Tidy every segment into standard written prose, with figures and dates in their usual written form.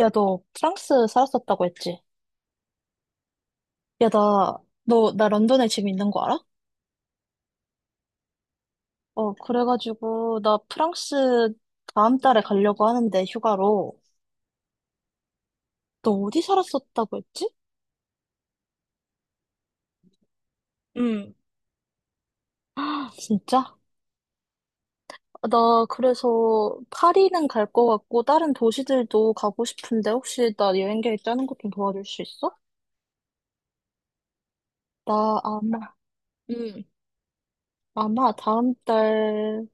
야, 너 프랑스 살았었다고 했지? 야, 나, 너, 나 런던에 지금 있는 거 알아? 어, 그래가지고, 나 프랑스 다음 달에 가려고 하는데, 휴가로. 너 어디 살았었다고 했지? 응, 진짜? 나 그래서 파리는 갈 거 같고, 다른 도시들도 가고 싶은데, 혹시 나 여행 계획 짜는 것 좀 도와줄 수 있어? 나 아마, 응. 아마 다음 달,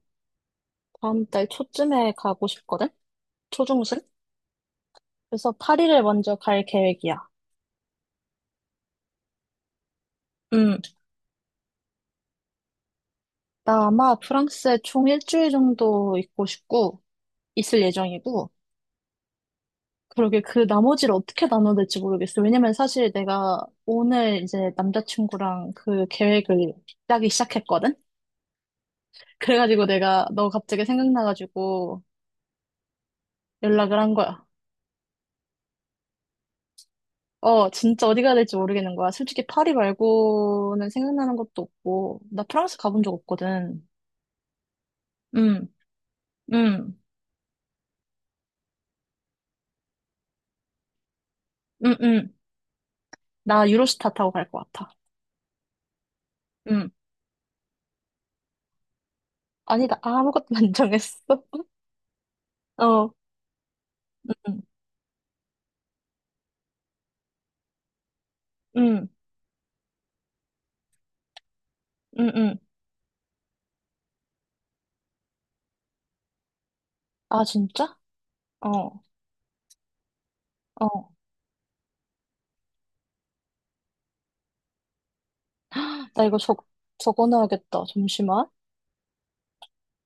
다음 달 초쯤에 가고 싶거든? 초중순? 그래서 파리를 먼저 갈 계획이야. 응, 나 아마 프랑스에 총 일주일 정도 있고 싶고, 있을 예정이고, 그러게 그 나머지를 어떻게 나눠야 될지 모르겠어. 왜냐면 사실 내가 오늘 이제 남자친구랑 그 계획을 짜기 시작했거든? 그래가지고 내가 너 갑자기 생각나가지고 연락을 한 거야. 어, 진짜 어디 가야 될지 모르겠는 거야. 솔직히 파리 말고는 생각나는 것도 없고, 나 프랑스 가본 적 없거든. 응, 응, 응, 응. 나 유로스타 타고 갈 것 같아. 응. 아니다, 아무것도 안 정했어. 어, 응, 응, 응, 응. 아, 진짜? 어, 어. 나 이거 적, 적어놔야겠다. 잠시만.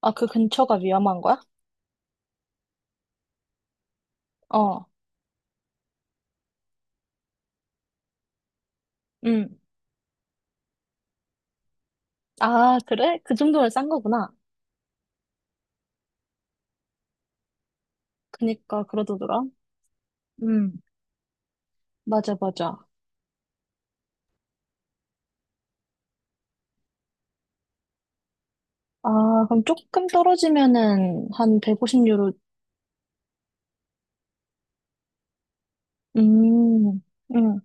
아, 그 근처가 위험한 거야? 어, 응. 아, 그래? 그 정도면 싼 거구나. 그니까, 그러더더라. 응, 맞아, 맞아. 아, 그럼 조금 떨어지면은 한 150유로, 음, 응.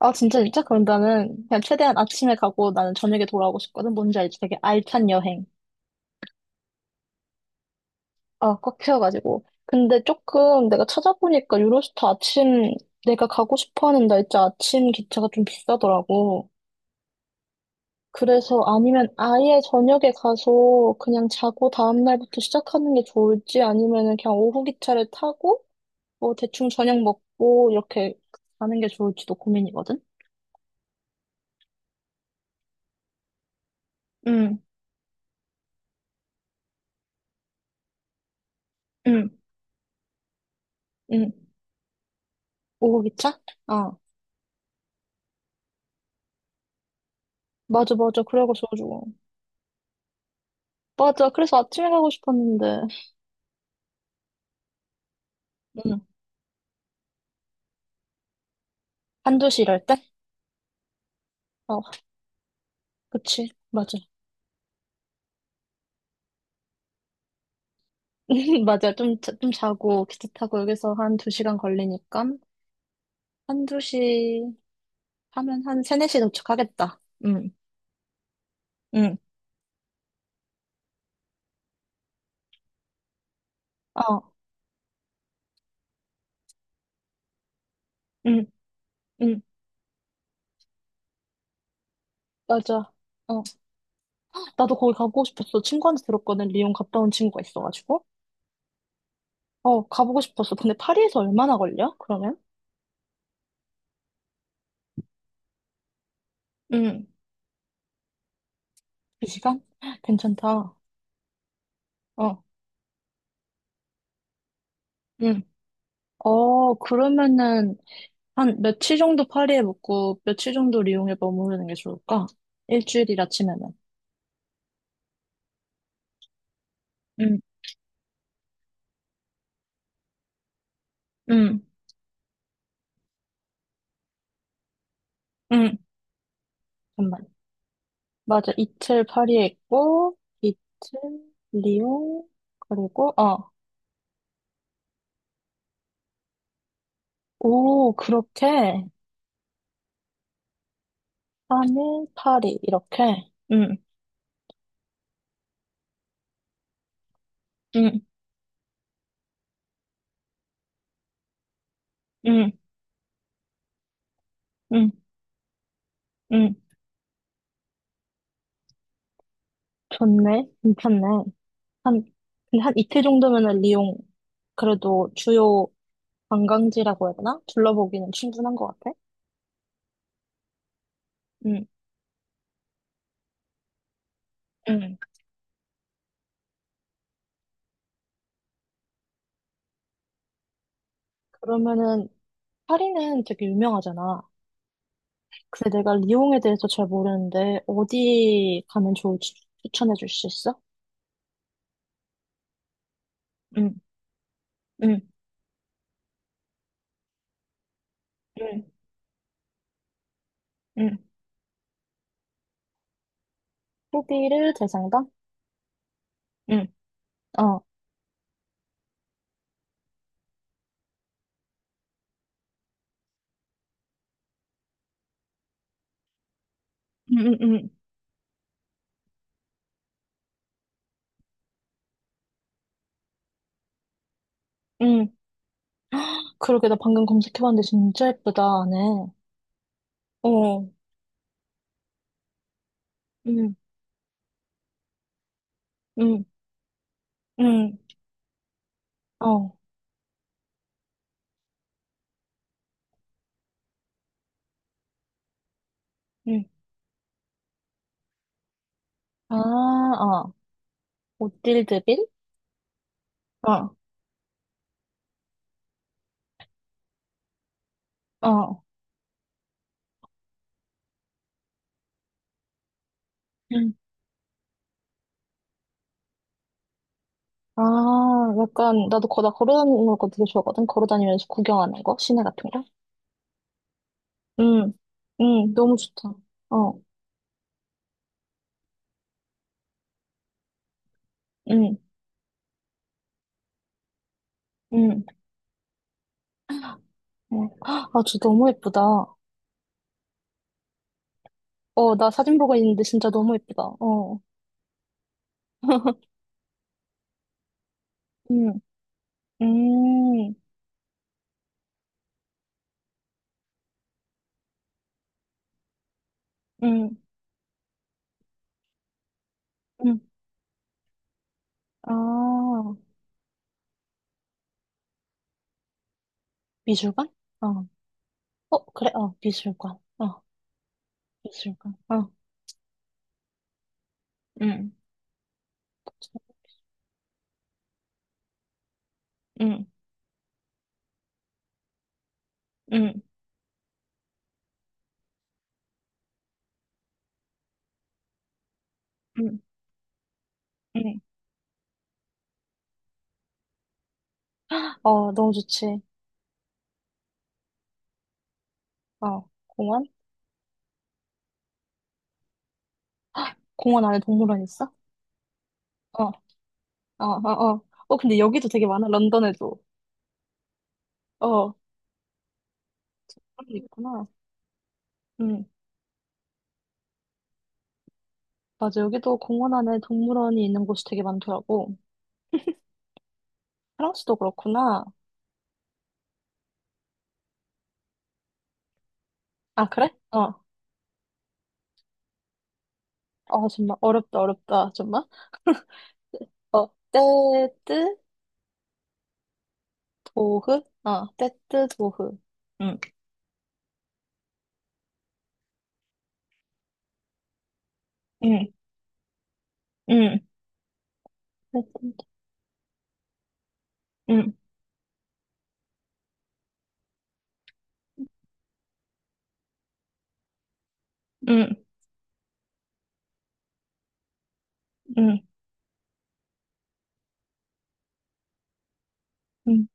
아, 진짜, 진짜? 그럼 나는 그냥 최대한 아침에 가고 나는 저녁에 돌아오고 싶거든. 뭔지 알지? 되게 알찬 여행. 아, 꽉 채워가지고. 근데 조금 내가 찾아보니까 유로스타 아침, 내가 가고 싶어 하는 날짜 아침 기차가 좀 비싸더라고. 그래서 아니면 아예 저녁에 가서 그냥 자고 다음날부터 시작하는 게 좋을지 아니면은 그냥 오후 기차를 타고 뭐 대충 저녁 먹고 이렇게 가는 게 좋을지도 고민이거든? 응, 응, 응. 오후 기차? 아, 맞아, 맞아. 그래가지고. 맞아. 그래서 아침에 가고 싶었는데. 응. 한두 시 이럴 때? 어. 그치, 맞아. 맞아. 좀, 좀 자고, 기차 타고 여기서 한 두 시간 걸리니까, 한두 시 하면 한 세네 시 도착하겠다. 응, 응, 어, 응, 응, 맞아. 어, 나도 거기 가보고 싶었어. 친구한테 들었거든. 리옹 갔다 온 친구가 있어가지고. 어, 가보고 싶었어. 근데 파리에서 얼마나 걸려? 그러면? 응, 두 시간? 괜찮다. 어, 응. 어, 그러면은, 한 며칠 정도 파리에 묵고, 며칠 정도 리옹에 머무르는 게 좋을까? 일주일이라 치면. 응, 응, 응. 잠깐만. 맞아. 이틀 파리에 있고, 이틀 리옹, 그리고, 어, 오, 그렇게, 3일 파리, 이렇게. 응, 응, 응, 응, 응. 좋네. 괜찮네. 한, 근데 한 이틀 정도면은 리옹, 그래도 주요 관광지라고 해야 되나? 둘러보기는 충분한 것 같아. 응, 응. 그러면은, 파리는 되게 유명하잖아. 그래, 내가 리옹에 대해서 잘 모르는데, 어디 가면 좋을지 추천해 줄 수 있어? 응, 응, 응, 응. 후기를 대상당? 응, 어. 응, 응, 응, 응. 그러게, 나 방금 검색해봤는데 진짜 예쁘다, 안에. 어, 응, 응, 응, 어, 응. 아, 어. 오딜드빌? 어, 어. 응. 아, 약간, 나 걸어다니는 거 되게 좋아하거든? 걸어다니면서 구경하는 거? 시내 같은 거? 응, 응, 너무 좋다. 어. 응, 응. 어. 아, 저 너무 예쁘다. 어, 나 사진 보고 있는데 진짜 너무 예쁘다. 어. 응, 음, 응, 응. 아, 미술관? 어. 어, 그래, 어, 미술관. 어, 미술관. 어, 응, 응, 응, 응, 응. 어, 너무 좋지. 어, 공원? 공원 안에 동물원 있어? 어, 어, 어, 어. 어, 근데 여기도 되게 많아, 런던에도. 어, 그런 게 있구나. 응. 맞아, 여기도 공원 안에 동물원이 있는 곳이 되게 많더라고. 프랑스도 그렇구나. 아, 그래? 어. 어, 정말 어렵다, 어렵다, 정말. 어, 떼뜨 도흐? 어, 떼뜨 도흐. 응, 응, 응, 떼뜨, 응, 응, 응, 응.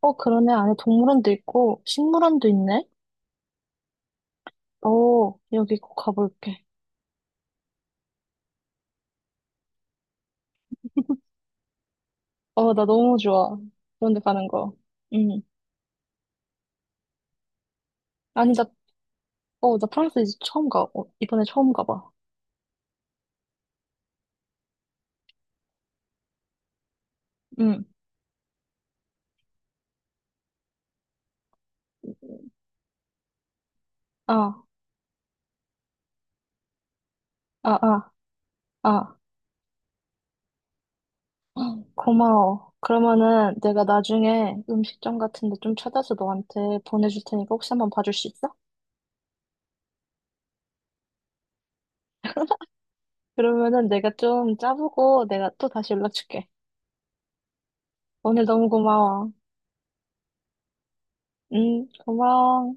어, 그러네. 안에 동물원도 있고, 식물원도 있네. 오, 여기 꼭 가볼게. 어, 나 너무 좋아. 그런 데 가는 거. 응. 아니, 나, 어, 나 프랑스 이제 처음 가. 어, 이번에 처음 가봐. 응. 아, 아, 아. 아, 고마워. 그러면은 내가 나중에 음식점 같은 데 좀 찾아서 너한테 보내줄 테니까 혹시 한번 봐줄 수 있어? 그러면은 내가 좀 짜보고 내가 또 다시 연락 줄게. 오늘 너무 고마워. 응, 고마워.